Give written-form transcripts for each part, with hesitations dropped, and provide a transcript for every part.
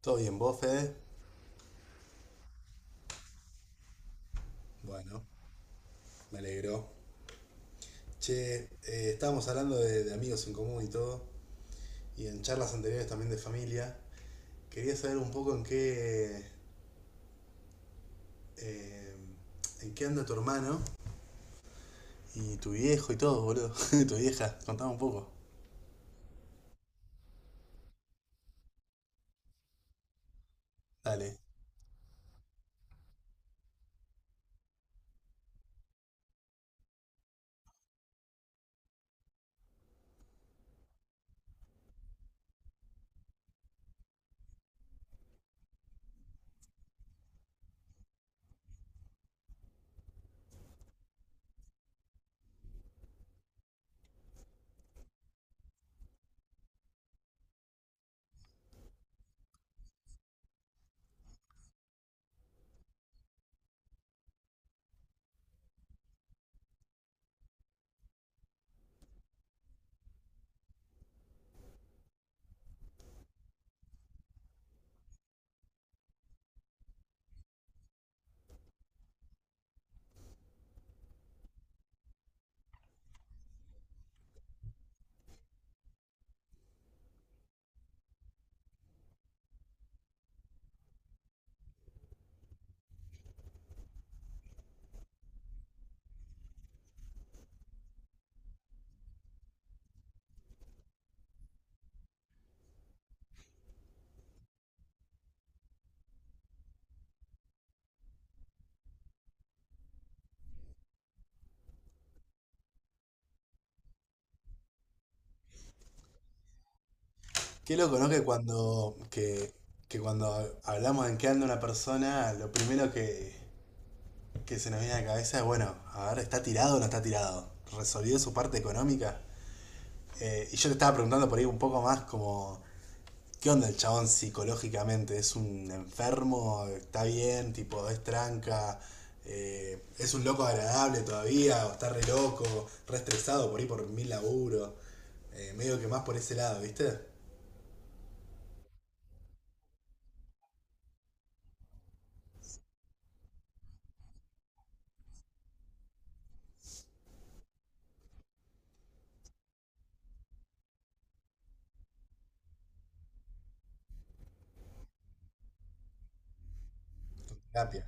¿Todo bien, vos, Fede? Bueno, me alegro. Che, estábamos hablando de amigos en común y todo, y en charlas anteriores también de familia. Quería saber un poco en qué, eh, en qué anda tu hermano y tu viejo y todo, boludo. Tu vieja, contame un poco. Dale. Qué loco, ¿no? Que cuando hablamos en qué anda una persona, lo primero que se nos viene a la cabeza es, bueno, a ver, ¿está tirado o no está tirado? ¿Resolvió su parte económica? Y yo te estaba preguntando por ahí un poco más como, ¿qué onda el chabón psicológicamente? ¿Es un enfermo? ¿Está bien? Tipo, es tranca. ¿Es un loco agradable todavía? ¿O está re loco? ¿Re estresado por ahí por mil laburos? Medio que más por ese lado, ¿viste? Terapia.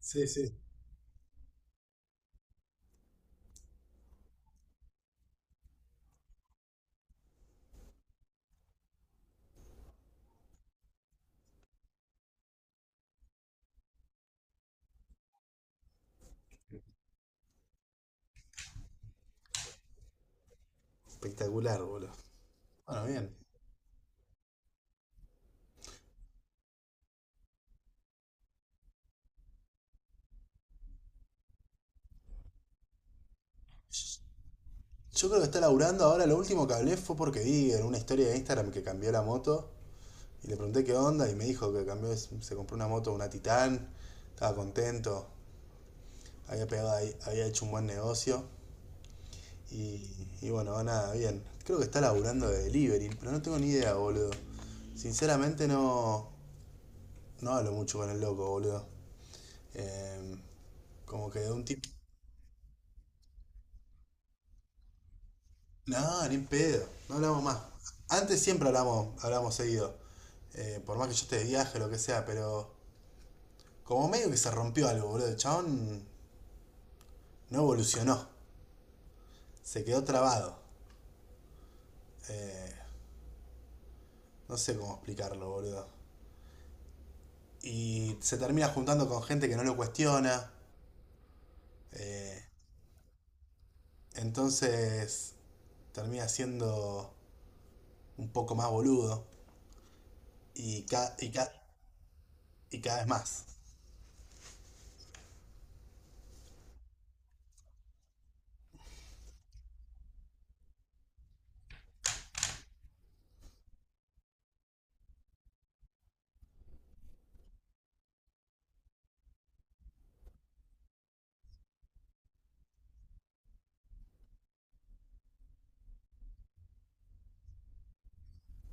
Sí, sí. Espectacular, boludo. Bueno, bien. Yo creo que está laburando ahora. Lo último que hablé fue porque vi en una historia de Instagram que cambió la moto. Y le pregunté qué onda y me dijo que cambió, se compró una moto, una Titan, estaba contento, había pegado ahí, había hecho un buen negocio. Y bueno, nada, bien. Creo que está laburando de delivery, pero no tengo ni idea, boludo. Sinceramente no, no hablo mucho con el loco, boludo. Eh, Como que de un tipo... No, ni en pedo, no hablamos más. Antes siempre hablamos, hablamos seguido. Por más que yo esté de viaje, o lo que sea, pero como medio que se rompió algo, boludo. El chabón no evolucionó. Se quedó trabado. Eh, no sé cómo explicarlo, boludo. Y se termina juntando con gente que no lo cuestiona, eh, entonces termina siendo un poco más boludo. Y, ca- y, ca- y cada vez más.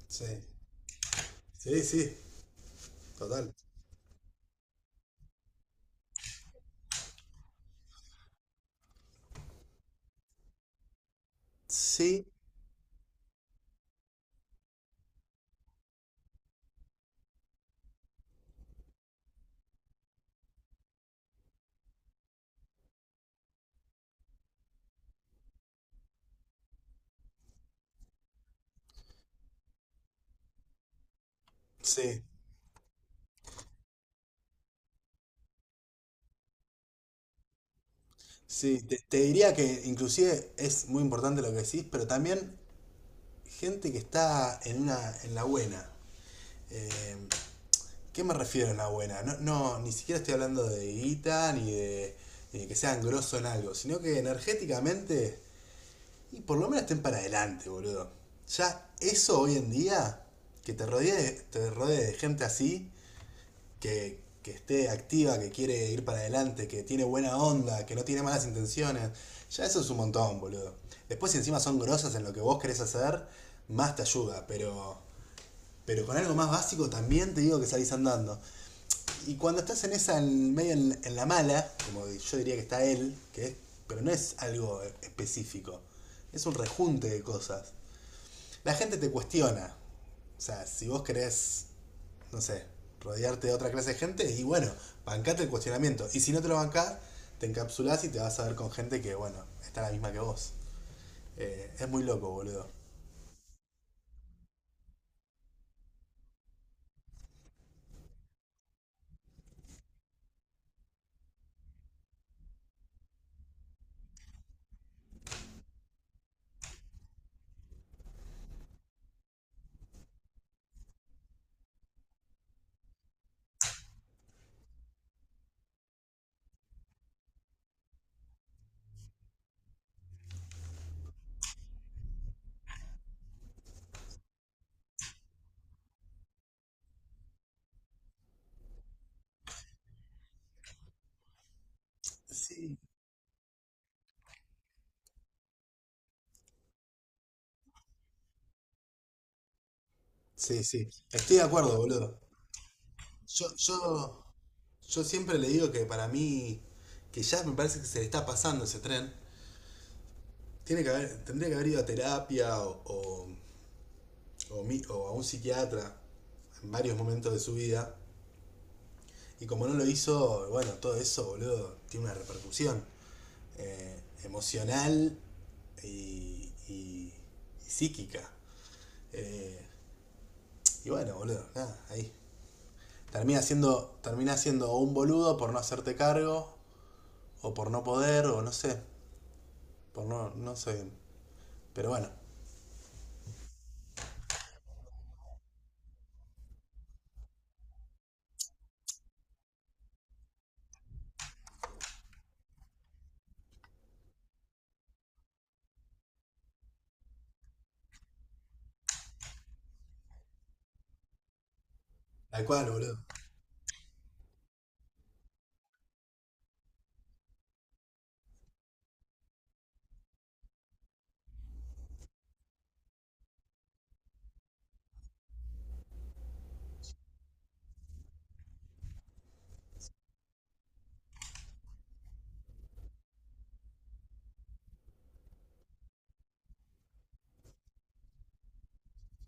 Sí, sí, sí, total. Sí, sí, sí. Te diría que inclusive es muy importante lo que decís, pero también gente que está en una, en la buena. Eh, ¿Qué me refiero a una buena? No, no ni siquiera estoy hablando de guita ni de que sean grosso en algo, sino que energéticamente, y por lo menos estén para adelante, boludo. Ya eso hoy en día, que te rodee de gente así, que esté activa, que quiere ir para adelante, que tiene buena onda, que no tiene malas intenciones, ya eso es un montón, boludo. Después si encima son grosas en lo que vos querés hacer, más te ayuda, pero con algo más básico también te digo que salís andando. Y cuando estás en esa, en la mala, como yo diría que está él, que es, pero no es algo específico, es un rejunte de cosas. La gente te cuestiona. O sea, si vos querés, no sé, rodearte de otra clase de gente, y bueno, bancate el cuestionamiento. Y si no te lo bancás, te encapsulás y te vas a ver con gente que, bueno, está la misma que vos. Es muy loco, boludo. Sí. Sí, sí. Estoy de acuerdo, boludo. Yo, yo, Yo siempre le digo que para mí, que ya me parece que se le está pasando ese tren, tendría que haber ido a terapia o a un psiquiatra en varios momentos de su vida. Y como no lo hizo, bueno, todo eso, boludo, tiene una repercusión, emocional y, y- y psíquica. Eh, y bueno, boludo, nada, ahí. Termina siendo un boludo por no hacerte cargo, o por no poder, o no sé, por no, no sé. Pero bueno, tal cual, boludo.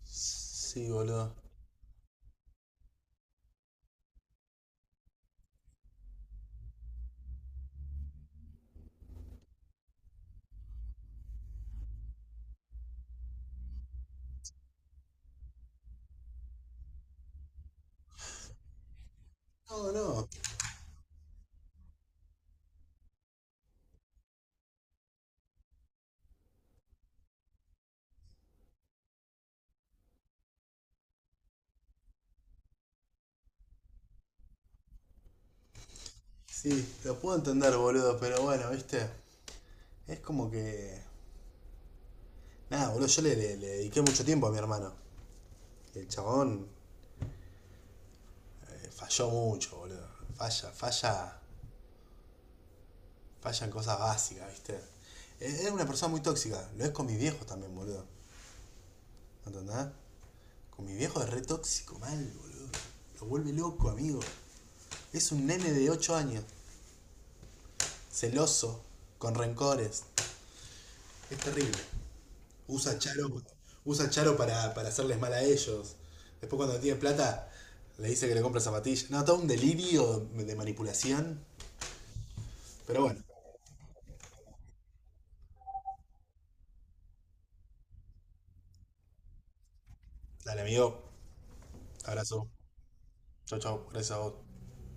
Sí, boludo. No, no. Sí, lo puedo entender, boludo, pero bueno, viste. Es como que. Nada, boludo, le dediqué mucho tiempo a mi hermano. Y el chabón, falló mucho, boludo. Falla. Falla en cosas básicas, viste. Es una persona muy tóxica. Lo es con mi viejo también, boludo. ¿No entendés? Con mi viejo es re tóxico, mal, boludo. Lo vuelve loco, amigo. Es un nene de 8 años. Celoso. Con rencores. Es terrible. Usa Charo, usa Charo para hacerles mal a ellos. Después cuando tiene plata, le dice que le compra zapatillas. No, todo un delirio de manipulación. Pero bueno, dale amigo, abrazo. Chau, chau, gracias a vos.